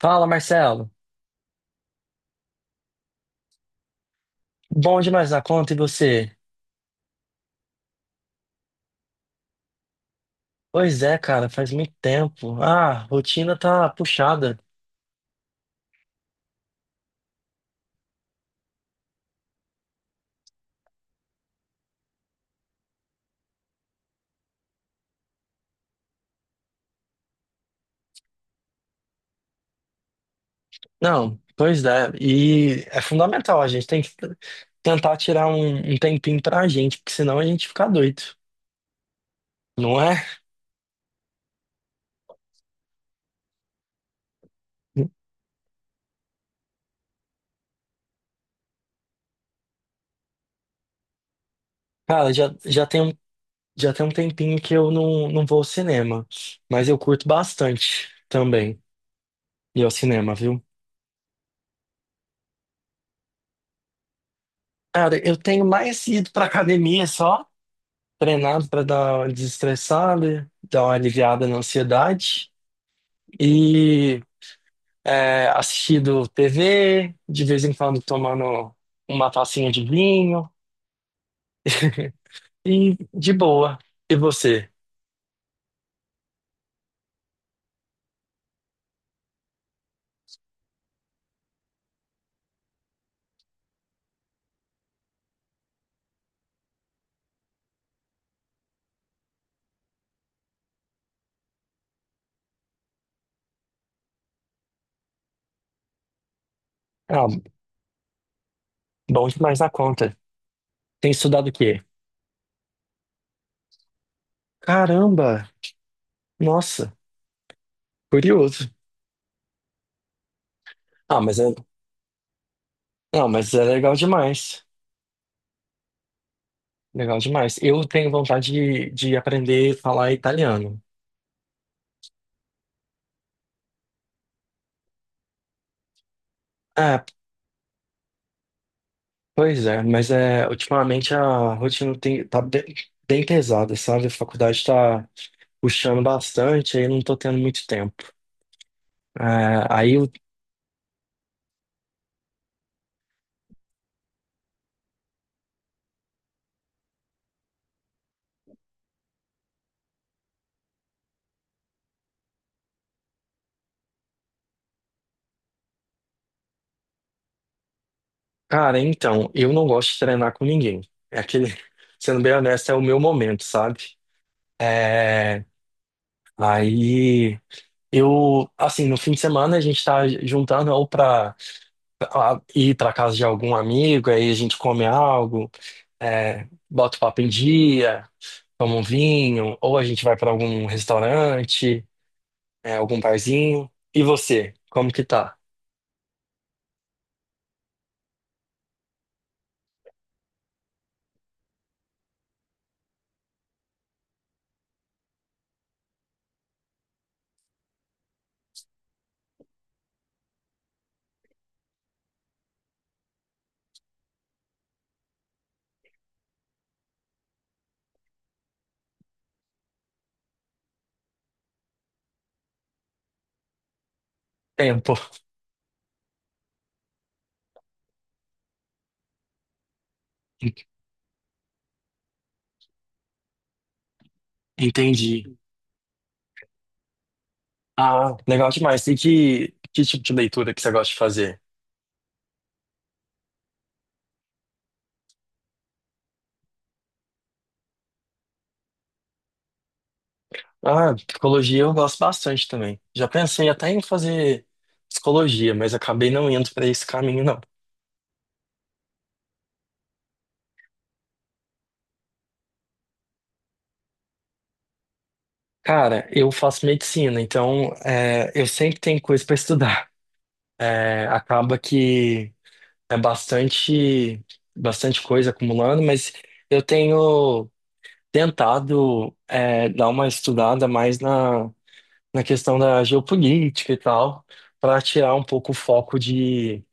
Fala, Marcelo. Bom demais na conta, e você? Pois é, cara, faz muito tempo. Rotina tá puxada. Não, pois é. E é fundamental, a gente tem que tentar tirar um tempinho pra gente, porque senão a gente fica doido, não é? Cara, já tem, já tem um tempinho que eu não vou ao cinema, mas eu curto bastante também ir ao cinema, viu? Cara, eu tenho mais ido pra academia só. Treinado para dar uma desestressada, dar uma aliviada na ansiedade e assistido TV, de vez em quando tomando uma tacinha de vinho e de boa. E você? Ah, bom demais na conta. Tem estudado o quê? Caramba! Nossa, curioso. Ah, mas é, não, mas é legal demais. Legal demais. Eu tenho vontade de aprender a falar italiano. É, pois é, mas é, ultimamente a rotina tem, tá bem, bem pesada, sabe? A faculdade tá puxando bastante, aí eu não tô tendo muito tempo. É, aí, eu- cara, então, eu não gosto de treinar com ninguém. É aquele, sendo bem honesto, é o meu momento, sabe? É, aí eu, assim, no fim de semana a gente tá juntando ou pra ir pra casa de algum amigo, aí a gente come algo, bota o papo em dia. Toma um vinho, ou a gente vai para algum restaurante, algum barzinho. E você, como que tá? Tempo. En- Entendi. Ah, legal demais. E que tipo de leitura que você gosta de fazer? Ah, psicologia eu gosto bastante também. Já pensei até em fazer psicologia, mas acabei não indo para esse caminho, não. Cara, eu faço medicina, então é, eu sempre tenho coisa para estudar. É, acaba que é bastante, bastante coisa acumulando, mas eu tenho tentado dar uma estudada mais na questão da geopolítica e tal, para tirar um pouco o foco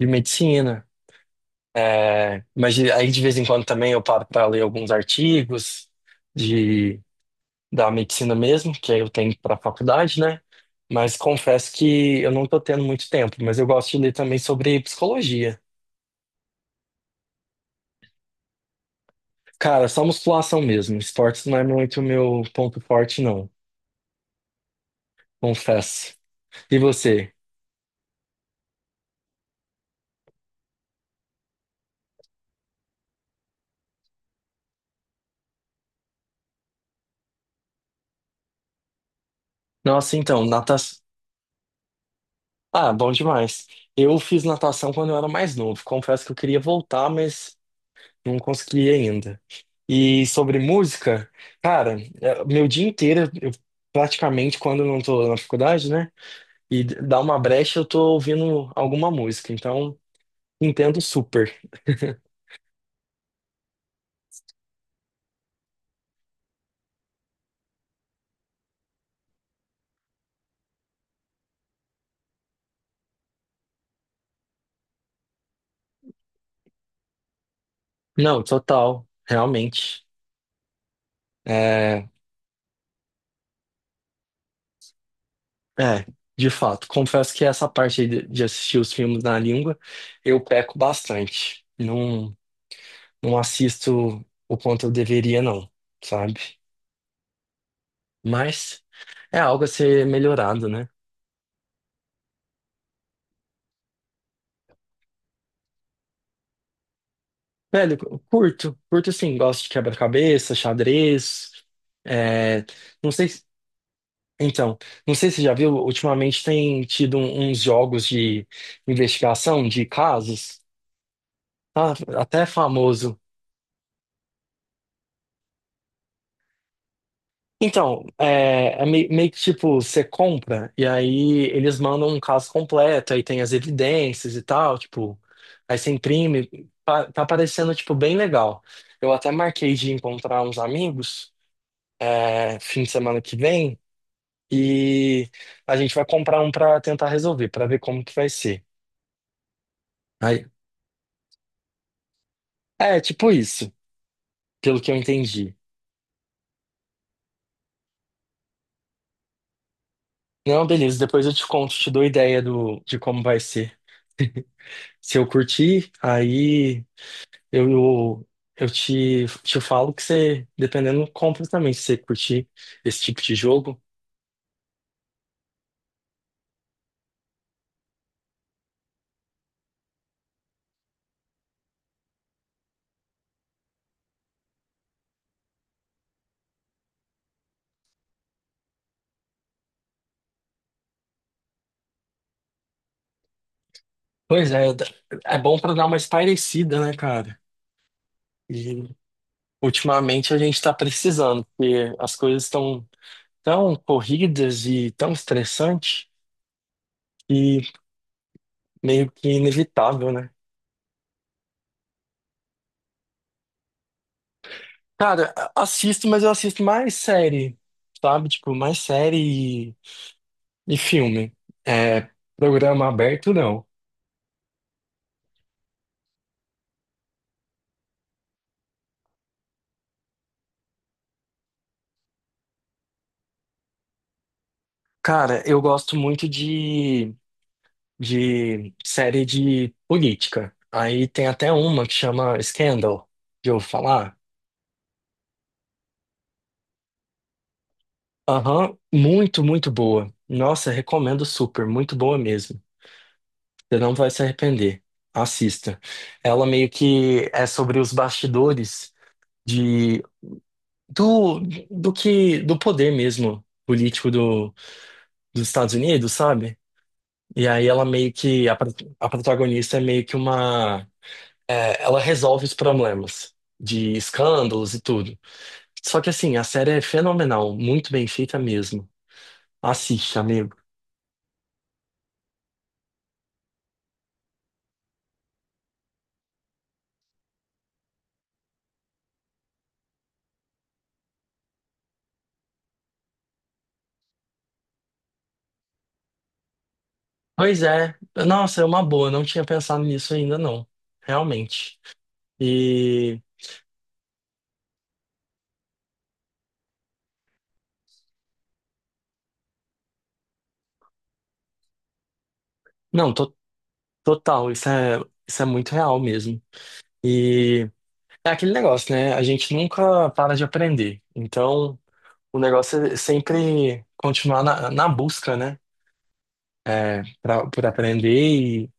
de medicina. É, mas aí de vez em quando também eu paro para ler alguns artigos da medicina mesmo, que aí eu tenho para faculdade, né? Mas confesso que eu não tô tendo muito tempo, mas eu gosto de ler também sobre psicologia. Cara, só musculação mesmo. Esportes não é muito meu ponto forte, não. Confesso. E você? Nossa, então, natação. Ah, bom demais. Eu fiz natação quando eu era mais novo. Confesso que eu queria voltar, mas não consegui ainda. E sobre música, cara, é, meu dia inteiro, eu praticamente, quando eu não tô na faculdade, né? E dá uma brecha, eu tô ouvindo alguma música, então entendo super. Não, total, realmente. É, é, de fato, confesso que essa parte aí de assistir os filmes na língua, eu peco bastante. Não, não assisto o quanto eu deveria, não, sabe? Mas é algo a ser melhorado, né? Velho, curto, curto sim, gosto de quebra-cabeça, xadrez. É, não sei, então, não sei se você já viu, ultimamente tem tido uns jogos de investigação de casos, tá? Até famoso. Então, é, é meio, que tipo, você compra e aí eles mandam um caso completo, aí tem as evidências e tal, tipo, aí você imprime, tá, parecendo, tipo, bem legal. Eu até marquei de encontrar uns amigos, é, fim de semana que vem, e a gente vai comprar um pra tentar resolver, pra ver como que vai ser. Aí, é, tipo isso. Pelo que eu entendi. Não, beleza, depois eu te conto, te dou ideia de como vai ser. Se eu curtir, aí eu, eu, eu te falo que você, dependendo, compra também, se você curtir esse tipo de jogo. Pois é, é bom pra dar uma espairecida, né, cara? E ultimamente a gente tá precisando, porque as coisas estão tão tão corridas e tão estressantes e meio que inevitável, né? Cara, assisto, mas eu assisto mais série, sabe? Tipo, mais série e filme. É, programa aberto, não. Cara, eu gosto muito de série de política. Aí tem até uma que chama Scandal, de eu falar. Aham, muito, muito boa. Nossa, recomendo super, muito boa mesmo. Você não vai se arrepender. Assista. Ela meio que é sobre os bastidores do, do que do poder mesmo político dos Estados Unidos, sabe? E aí ela meio que a, a protagonista é meio que uma é, ela resolve os problemas de escândalos e tudo. Só que assim, a série é fenomenal, muito bem feita mesmo. Assiste, amigo. Pois é, nossa, é uma boa, não tinha pensado nisso ainda não, realmente. E não, total, isso é muito real mesmo. E é aquele negócio, né? A gente nunca para de aprender. Então, o negócio é sempre continuar na busca, né? É, pra, por aprender e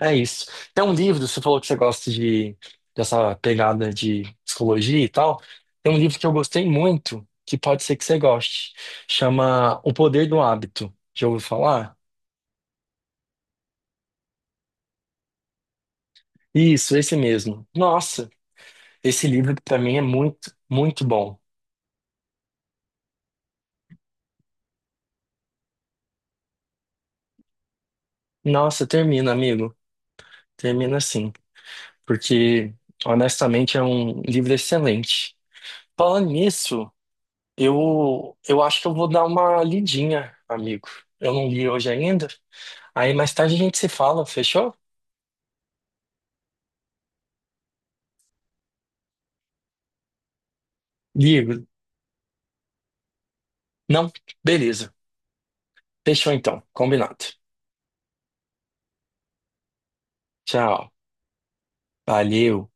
é isso. Tem um livro, você falou que você gosta dessa pegada de psicologia e tal. Tem um livro que eu gostei muito, que pode ser que você goste. Chama O Poder do Hábito. Já ouviu falar? Isso, esse mesmo. Nossa, esse livro pra mim é muito, muito bom. Nossa, termina, amigo. Termina assim. Porque honestamente é um livro excelente. Falando nisso, eu acho que eu vou dar uma lidinha, amigo. Eu não li hoje ainda. Aí mais tarde a gente se fala, fechou? Ligo. Não? Beleza. Fechou então. Combinado. Tchau. Valeu.